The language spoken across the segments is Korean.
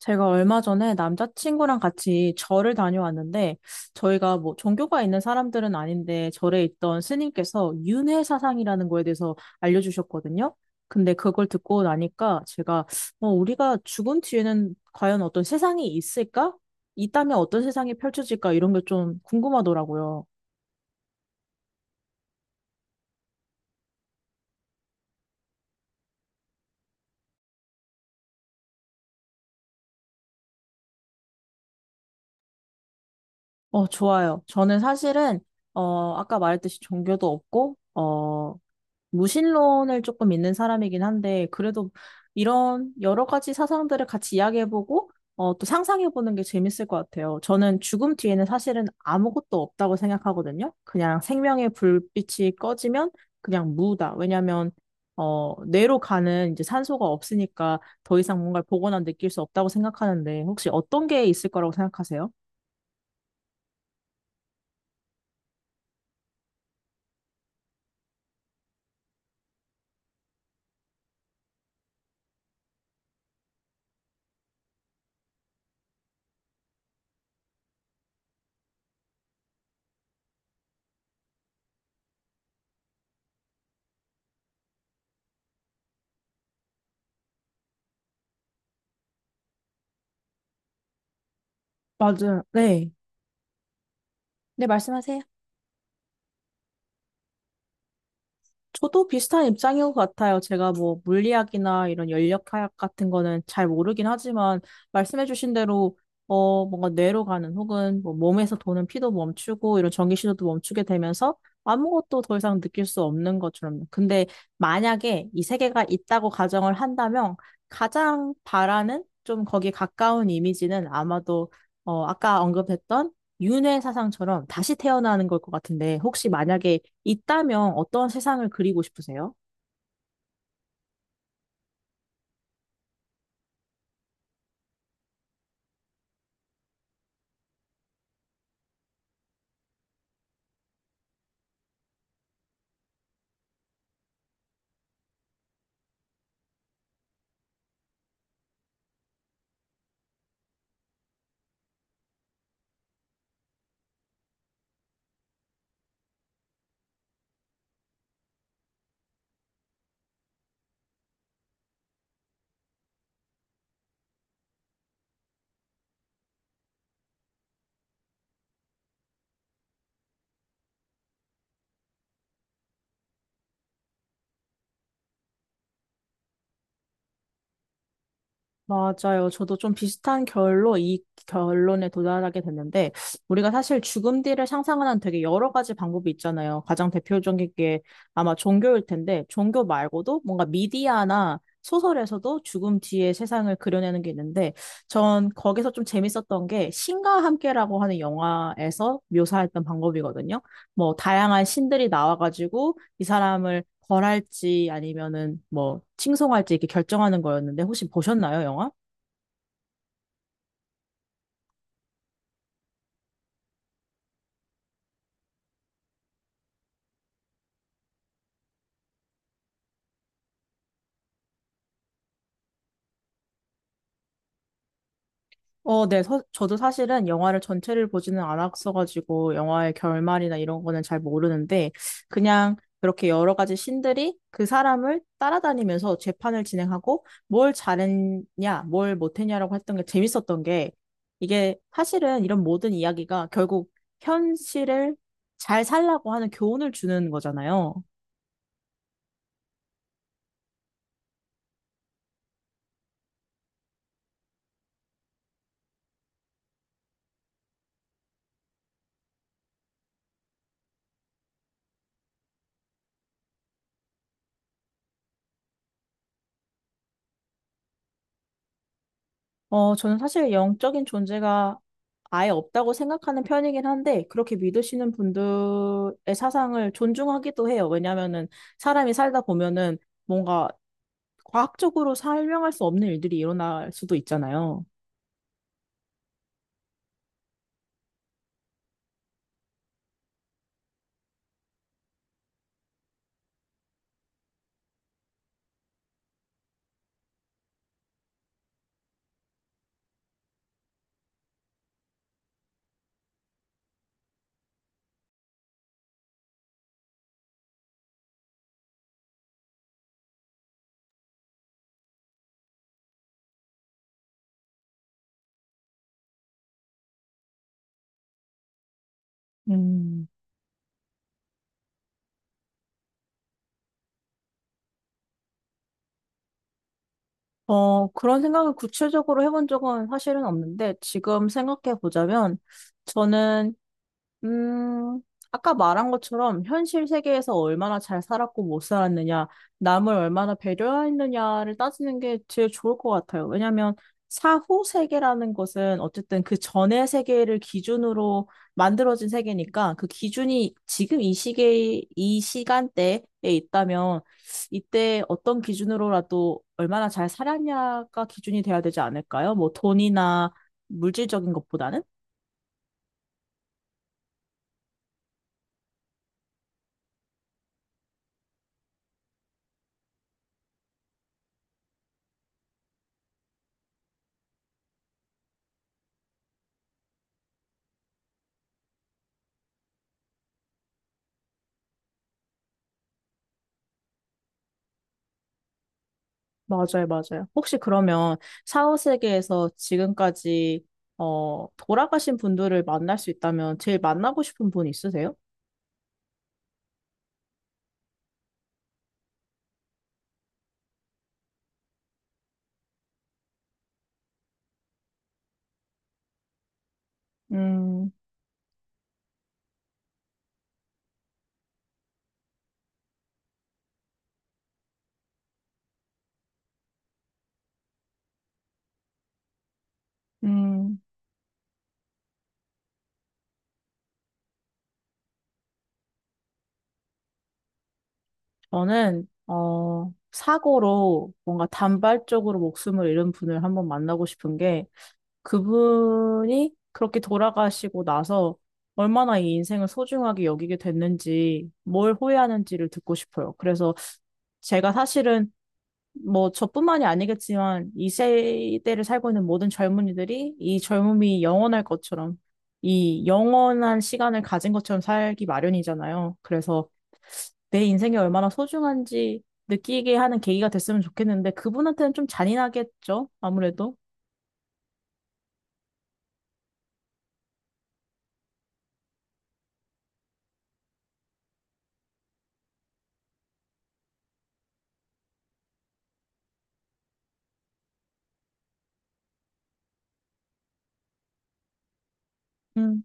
제가 얼마 전에 남자친구랑 같이 절을 다녀왔는데, 저희가 뭐 종교가 있는 사람들은 아닌데, 절에 있던 스님께서 윤회 사상이라는 거에 대해서 알려주셨거든요. 근데 그걸 듣고 나니까 제가, 우리가 죽은 뒤에는 과연 어떤 세상이 있을까? 있다면 어떤 세상이 펼쳐질까? 이런 게 좀 궁금하더라고요. 어, 좋아요. 저는 사실은, 아까 말했듯이 종교도 없고, 무신론을 조금 믿는 사람이긴 한데, 그래도 이런 여러 가지 사상들을 같이 이야기해보고, 또 상상해보는 게 재밌을 것 같아요. 저는 죽음 뒤에는 사실은 아무것도 없다고 생각하거든요. 그냥 생명의 불빛이 꺼지면 그냥 무다. 왜냐면, 뇌로 가는 이제 산소가 없으니까 더 이상 뭔가를 보거나 느낄 수 없다고 생각하는데, 혹시 어떤 게 있을 거라고 생각하세요? 맞아요. 네. 네, 말씀하세요. 저도 비슷한 입장인 것 같아요. 제가 뭐 물리학이나 이런 연력학 같은 거는 잘 모르긴 하지만 말씀해주신 대로 뭔가 뇌로 가는 혹은 뭐 몸에서 도는 피도 멈추고 이런 전기 신호도 멈추게 되면서 아무것도 더 이상 느낄 수 없는 것처럼. 근데 만약에 이 세계가 있다고 가정을 한다면 가장 바라는 좀 거기에 가까운 이미지는 아마도 아까 언급했던 윤회 사상처럼 다시 태어나는 걸 것 같은데, 혹시 만약에 있다면 어떤 세상을 그리고 싶으세요? 맞아요. 저도 좀 비슷한 결로 이 결론에 도달하게 됐는데, 우리가 사실 죽음 뒤를 상상하는 되게 여러 가지 방법이 있잖아요. 가장 대표적인 게 아마 종교일 텐데, 종교 말고도 뭔가 미디어나 소설에서도 죽음 뒤의 세상을 그려내는 게 있는데, 전 거기서 좀 재밌었던 게 신과 함께라고 하는 영화에서 묘사했던 방법이거든요. 뭐 다양한 신들이 나와가지고 이 사람을 벌할지 아니면은 뭐 칭송할지 이렇게 결정하는 거였는데 혹시 보셨나요, 영화? 어, 네. 저도 사실은 영화를 전체를 보지는 않았어가지고 영화의 결말이나 이런 거는 잘 모르는데 그냥 그렇게 여러 가지 신들이 그 사람을 따라다니면서 재판을 진행하고 뭘 잘했냐, 뭘 못했냐라고 했던 게 재밌었던 게 이게 사실은 이런 모든 이야기가 결국 현실을 잘 살라고 하는 교훈을 주는 거잖아요. 어, 저는 사실 영적인 존재가 아예 없다고 생각하는 편이긴 한데, 그렇게 믿으시는 분들의 사상을 존중하기도 해요. 왜냐면은 사람이 살다 보면은 뭔가 과학적으로 설명할 수 없는 일들이 일어날 수도 있잖아요. 음, 어, 그런 생각을 구체적으로 해본 적은 사실은 없는데, 지금 생각해 보자면, 저는 음, 아까 말한 것처럼 현실 세계에서 얼마나 잘 살았고 못 살았느냐, 남을 얼마나 배려했느냐를 따지는 게 제일 좋을 것 같아요. 왜냐하면 사후 세계라는 것은 어쨌든 그 전의 세계를 기준으로 만들어진 세계니까 그 기준이 지금 이 시계, 이 시간대에 있다면 이때 어떤 기준으로라도 얼마나 잘 살았냐가 기준이 돼야 되지 않을까요? 뭐 돈이나 물질적인 것보다는? 맞아요, 맞아요. 혹시 그러면 사후세계에서 지금까지 돌아가신 분들을 만날 수 있다면 제일 만나고 싶은 분 있으세요? 음, 음, 저는 사고로 뭔가 단발적으로 목숨을 잃은 분을 한번 만나고 싶은 게 그분이 그렇게 돌아가시고 나서 얼마나 이 인생을 소중하게 여기게 됐는지 뭘 후회하는지를 듣고 싶어요. 그래서 제가 사실은 뭐 저뿐만이 아니겠지만 이 세대를 살고 있는 모든 젊은이들이 이 젊음이 영원할 것처럼 이 영원한 시간을 가진 것처럼 살기 마련이잖아요. 그래서 내 인생이 얼마나 소중한지 느끼게 하는 계기가 됐으면 좋겠는데 그분한테는 좀 잔인하겠죠? 아무래도. 음.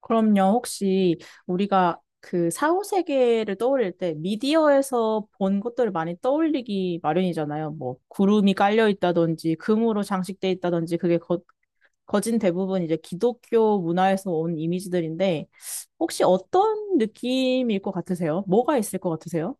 그럼요. 혹시 우리가 그 사후 세계를 떠올릴 때 미디어에서 본 것들을 많이 떠올리기 마련이잖아요. 뭐 구름이 깔려 있다든지 금으로 장식돼 있다든지 그게 거 거진 대부분 이제 기독교 문화에서 온 이미지들인데, 혹시 어떤 느낌일 것 같으세요? 뭐가 있을 것 같으세요?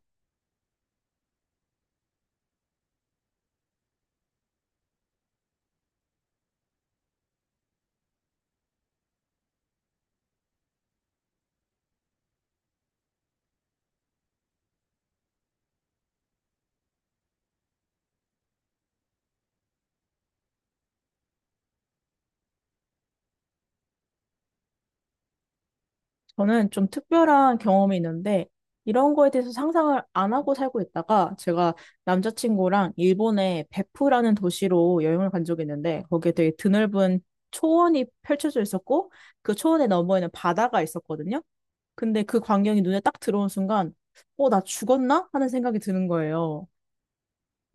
저는 좀 특별한 경험이 있는데, 이런 거에 대해서 상상을 안 하고 살고 있다가, 제가 남자친구랑 일본의 베프라는 도시로 여행을 간 적이 있는데, 거기에 되게 드넓은 초원이 펼쳐져 있었고, 그 초원의 너머에는 바다가 있었거든요. 근데 그 광경이 눈에 딱 들어온 순간, 어, 나 죽었나? 하는 생각이 드는 거예요.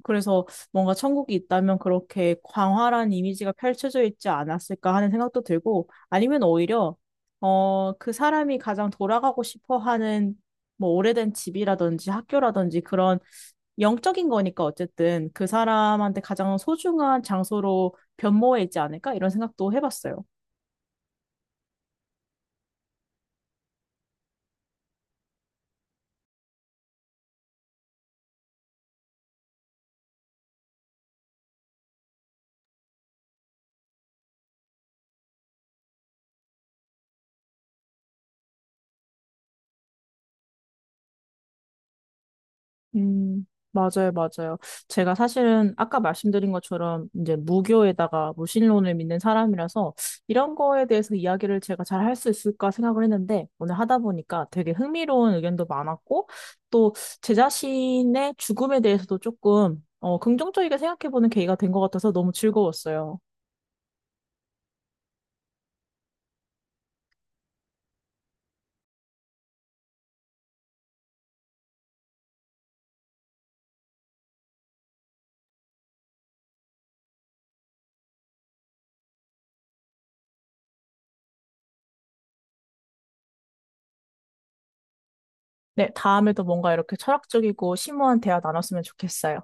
그래서 뭔가 천국이 있다면 그렇게 광활한 이미지가 펼쳐져 있지 않았을까 하는 생각도 들고, 아니면 오히려, 그 사람이 가장 돌아가고 싶어 하는 뭐 오래된 집이라든지 학교라든지 그런 영적인 거니까 어쨌든 그 사람한테 가장 소중한 장소로 변모해 있지 않을까? 이런 생각도 해봤어요. 음, 맞아요, 맞아요. 제가 사실은 아까 말씀드린 것처럼 이제 무교에다가 무신론을 믿는 사람이라서 이런 거에 대해서 이야기를 제가 잘 할 수 있을까 생각을 했는데 오늘 하다 보니까 되게 흥미로운 의견도 많았고 또 제 자신의 죽음에 대해서도 조금 긍정적이게 생각해보는 계기가 된 것 같아서 너무 즐거웠어요. 네, 다음에도 뭔가 이렇게 철학적이고 심오한 대화 나눴으면 좋겠어요.